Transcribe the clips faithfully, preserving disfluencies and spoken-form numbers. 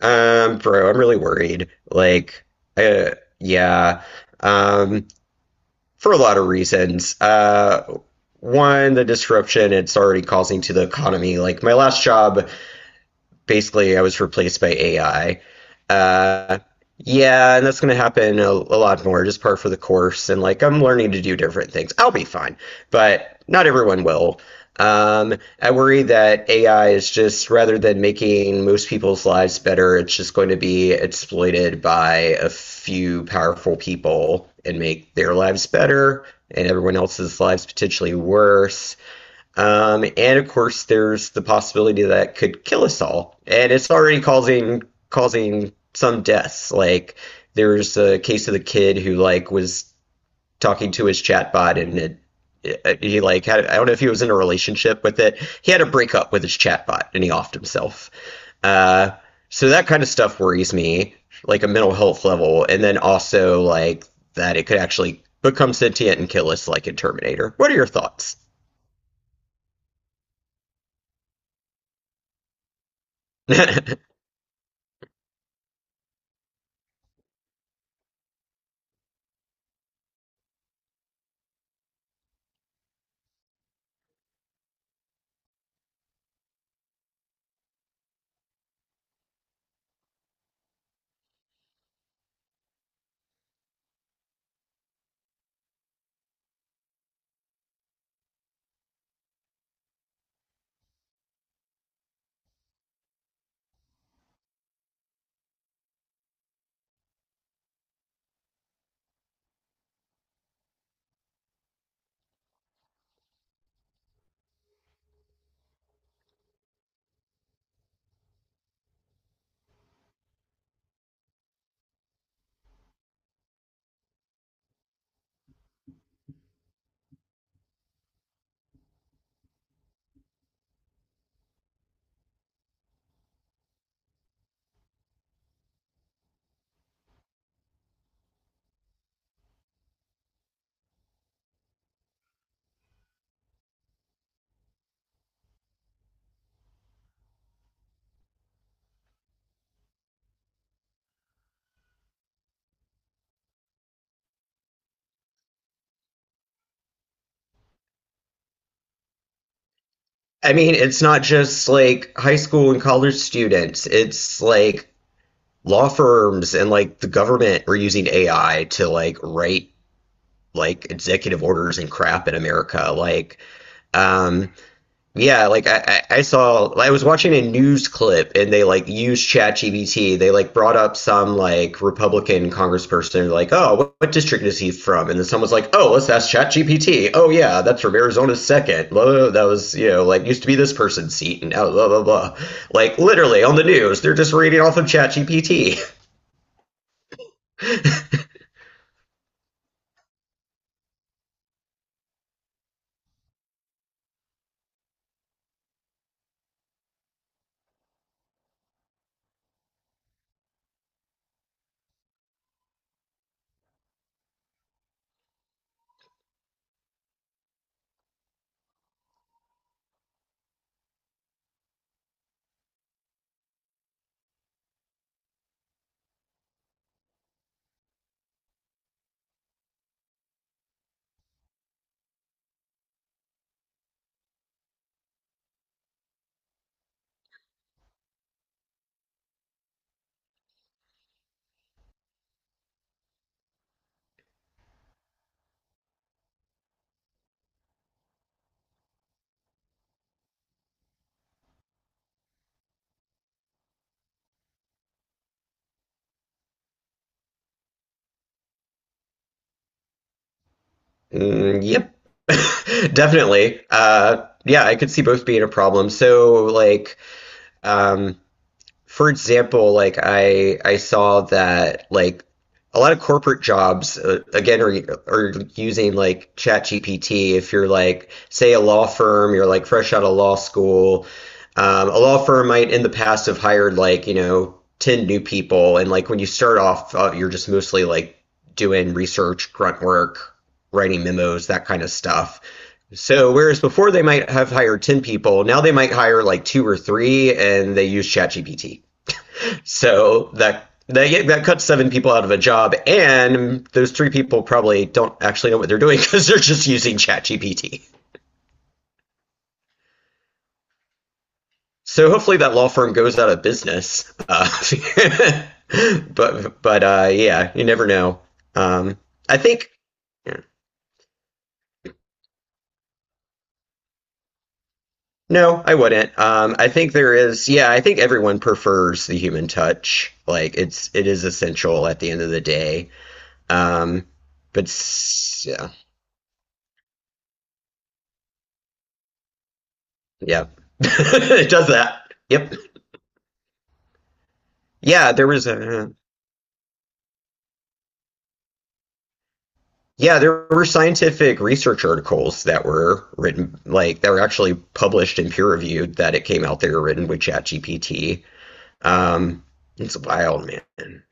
Um, bro, I'm really worried. Like, uh, yeah, um, for a lot of reasons. Uh, one, the disruption it's already causing to the economy. Like, my last job, basically I was replaced by A I. Uh, yeah, and that's going to happen a, a lot more, just par for the course. And like, I'm learning to do different things. I'll be fine, but not everyone will. Um, I worry that A I is just rather than making most people's lives better, it's just going to be exploited by a few powerful people and make their lives better and everyone else's lives potentially worse. Um, and of course, there's the possibility that it could kill us all, and it's already causing causing some deaths. Like there's a case of the kid who like was talking to his chatbot, and it, it- he like had, I don't know if he was in a relationship with it. He had a breakup with his chatbot, and he offed himself. Uh, so that kind of stuff worries me, like a mental health level, and then also like that it could actually become sentient and kill us, like in Terminator. What are your thoughts? I mean, it's not just like high school and college students. It's like law firms and like the government are using A I to like write like executive orders and crap in America. Like, um, yeah, like I, I I saw, I was watching a news clip and they like used ChatGPT. They like brought up some like Republican congressperson like, "Oh, what, what district is he from?" And then someone was like, "Oh, let's ask ChatGPT." "Oh yeah, that's from Arizona's second. Blah, blah, blah. That was, you know, like used to be this person's seat and now blah blah blah." Like literally on the news, they're just reading off of ChatGPT. Mm, yep. Definitely. Uh yeah, I could see both being a problem. So like um for example, like I I saw that like a lot of corporate jobs uh, again are are using like ChatGPT. If you're like say a law firm, you're like fresh out of law school. Um, a law firm might in the past have hired like you know ten new people, and like when you start off, uh, you're just mostly like doing research, grunt work, writing memos, that kind of stuff. So whereas before they might have hired ten people, now they might hire like two or three, and they use ChatGPT. So that that yeah, that cuts seven people out of a job, and those three people probably don't actually know what they're doing because they're just using ChatGPT. So hopefully that law firm goes out of business. Uh, but but uh, yeah, you never know. Um, I think no, I wouldn't. Um, I think there is. Yeah, I think everyone prefers the human touch. Like it's it is essential at the end of the day. Um, but yeah, yeah, it does that. Yep. Yeah, there was a yeah, there were scientific research articles that were written, like that were actually published and peer reviewed, that it came out they were written with ChatGPT. Um, it's wild, man.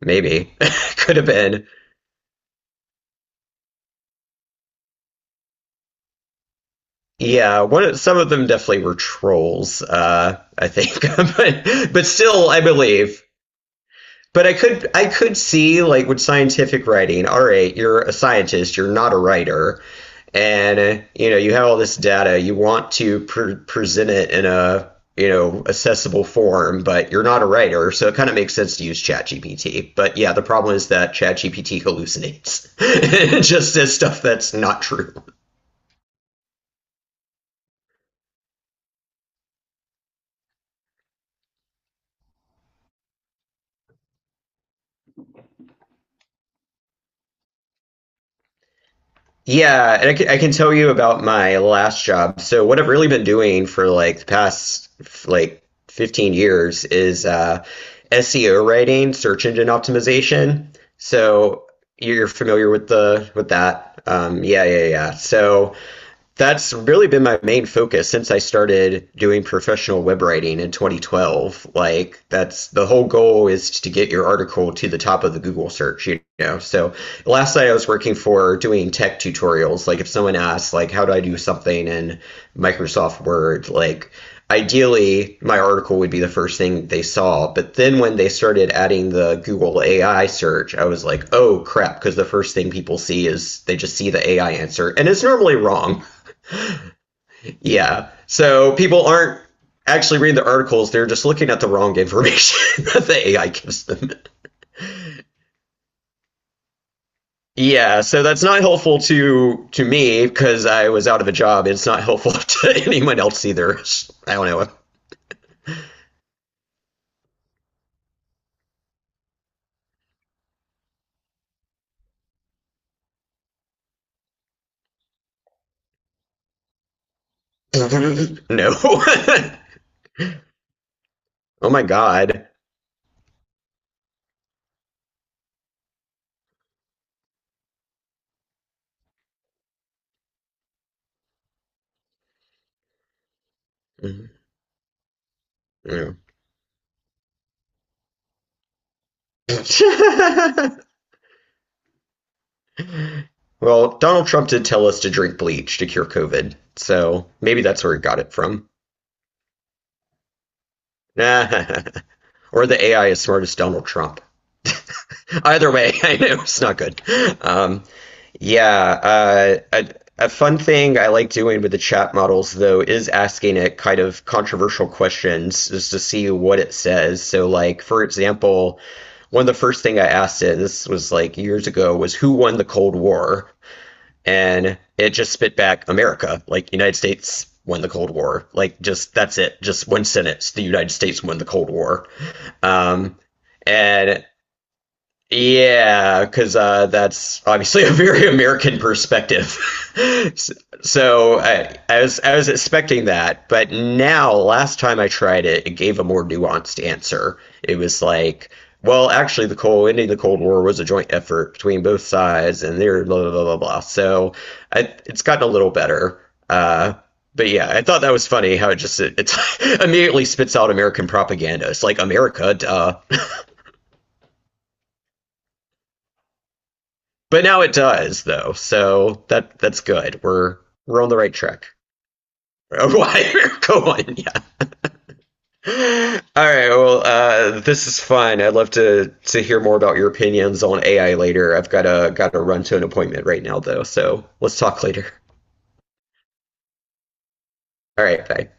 Maybe could have been. Yeah, one of, some of them definitely were trolls. Uh, I think, but but still, I believe. But I could I could see like with scientific writing. All right, you're a scientist. You're not a writer and uh, you know you have all this data, you want to pre- present it in a you know accessible form, but you're not a writer, so it kind of makes sense to use ChatGPT, but yeah, the problem is that ChatGPT hallucinates just says stuff that's not true. Yeah, and I can, I can tell you about my last job. So what I've really been doing for like the past f- like fifteen years is uh, S E O writing, search engine optimization. So you're familiar with the with that. Um, yeah, yeah, yeah. So that's really been my main focus since I started doing professional web writing in twenty twelve. Like that's the whole goal is to get your article to the top of the Google search, you know. So last night I was working for doing tech tutorials. Like if someone asks like how do I do something in Microsoft Word, like ideally my article would be the first thing they saw, but then when they started adding the Google AI search, I was like, oh crap, because the first thing people see is they just see the AI answer and it's normally wrong. Yeah. So people aren't actually reading the articles, they're just looking at the wrong information that the A I gives them. Yeah, so that's not helpful to to me because I was out of a job. It's not helpful to anyone else either. I don't know. No. Oh my god. Yeah. Well, Donald Trump did tell us to drink bleach to cure COVID, so maybe that's where he got it from. Or the A I is smart as Donald Trump. Either way, I know it's not good. Um, yeah, uh, a, a fun thing I like doing with the chat models, though, is asking it kind of controversial questions just to see what it says. So, like, for example, one of the first thing I asked it, this was like years ago, was who won the Cold War? And it just spit back America, like United States won the Cold War, like just that's it, just one sentence, the United States won the Cold War, um, and yeah, because uh, that's obviously a very American perspective. So I, I was I was expecting that, but now last time I tried it, it gave a more nuanced answer. It was like, well, actually, the cold ending the Cold War was a joint effort between both sides, and they're blah blah blah blah blah. So I, it's gotten a little better. Uh, but yeah, I thought that was funny how it just it, it's immediately spits out American propaganda. It's like America, duh. But now it does though, so that that's good. We're we're on the right track. Why go on? Yeah. All right. Well, uh, this is fun. I'd love to to hear more about your opinions on A I later. I've got a got to run to an appointment right now though, so let's talk later. All right. Bye.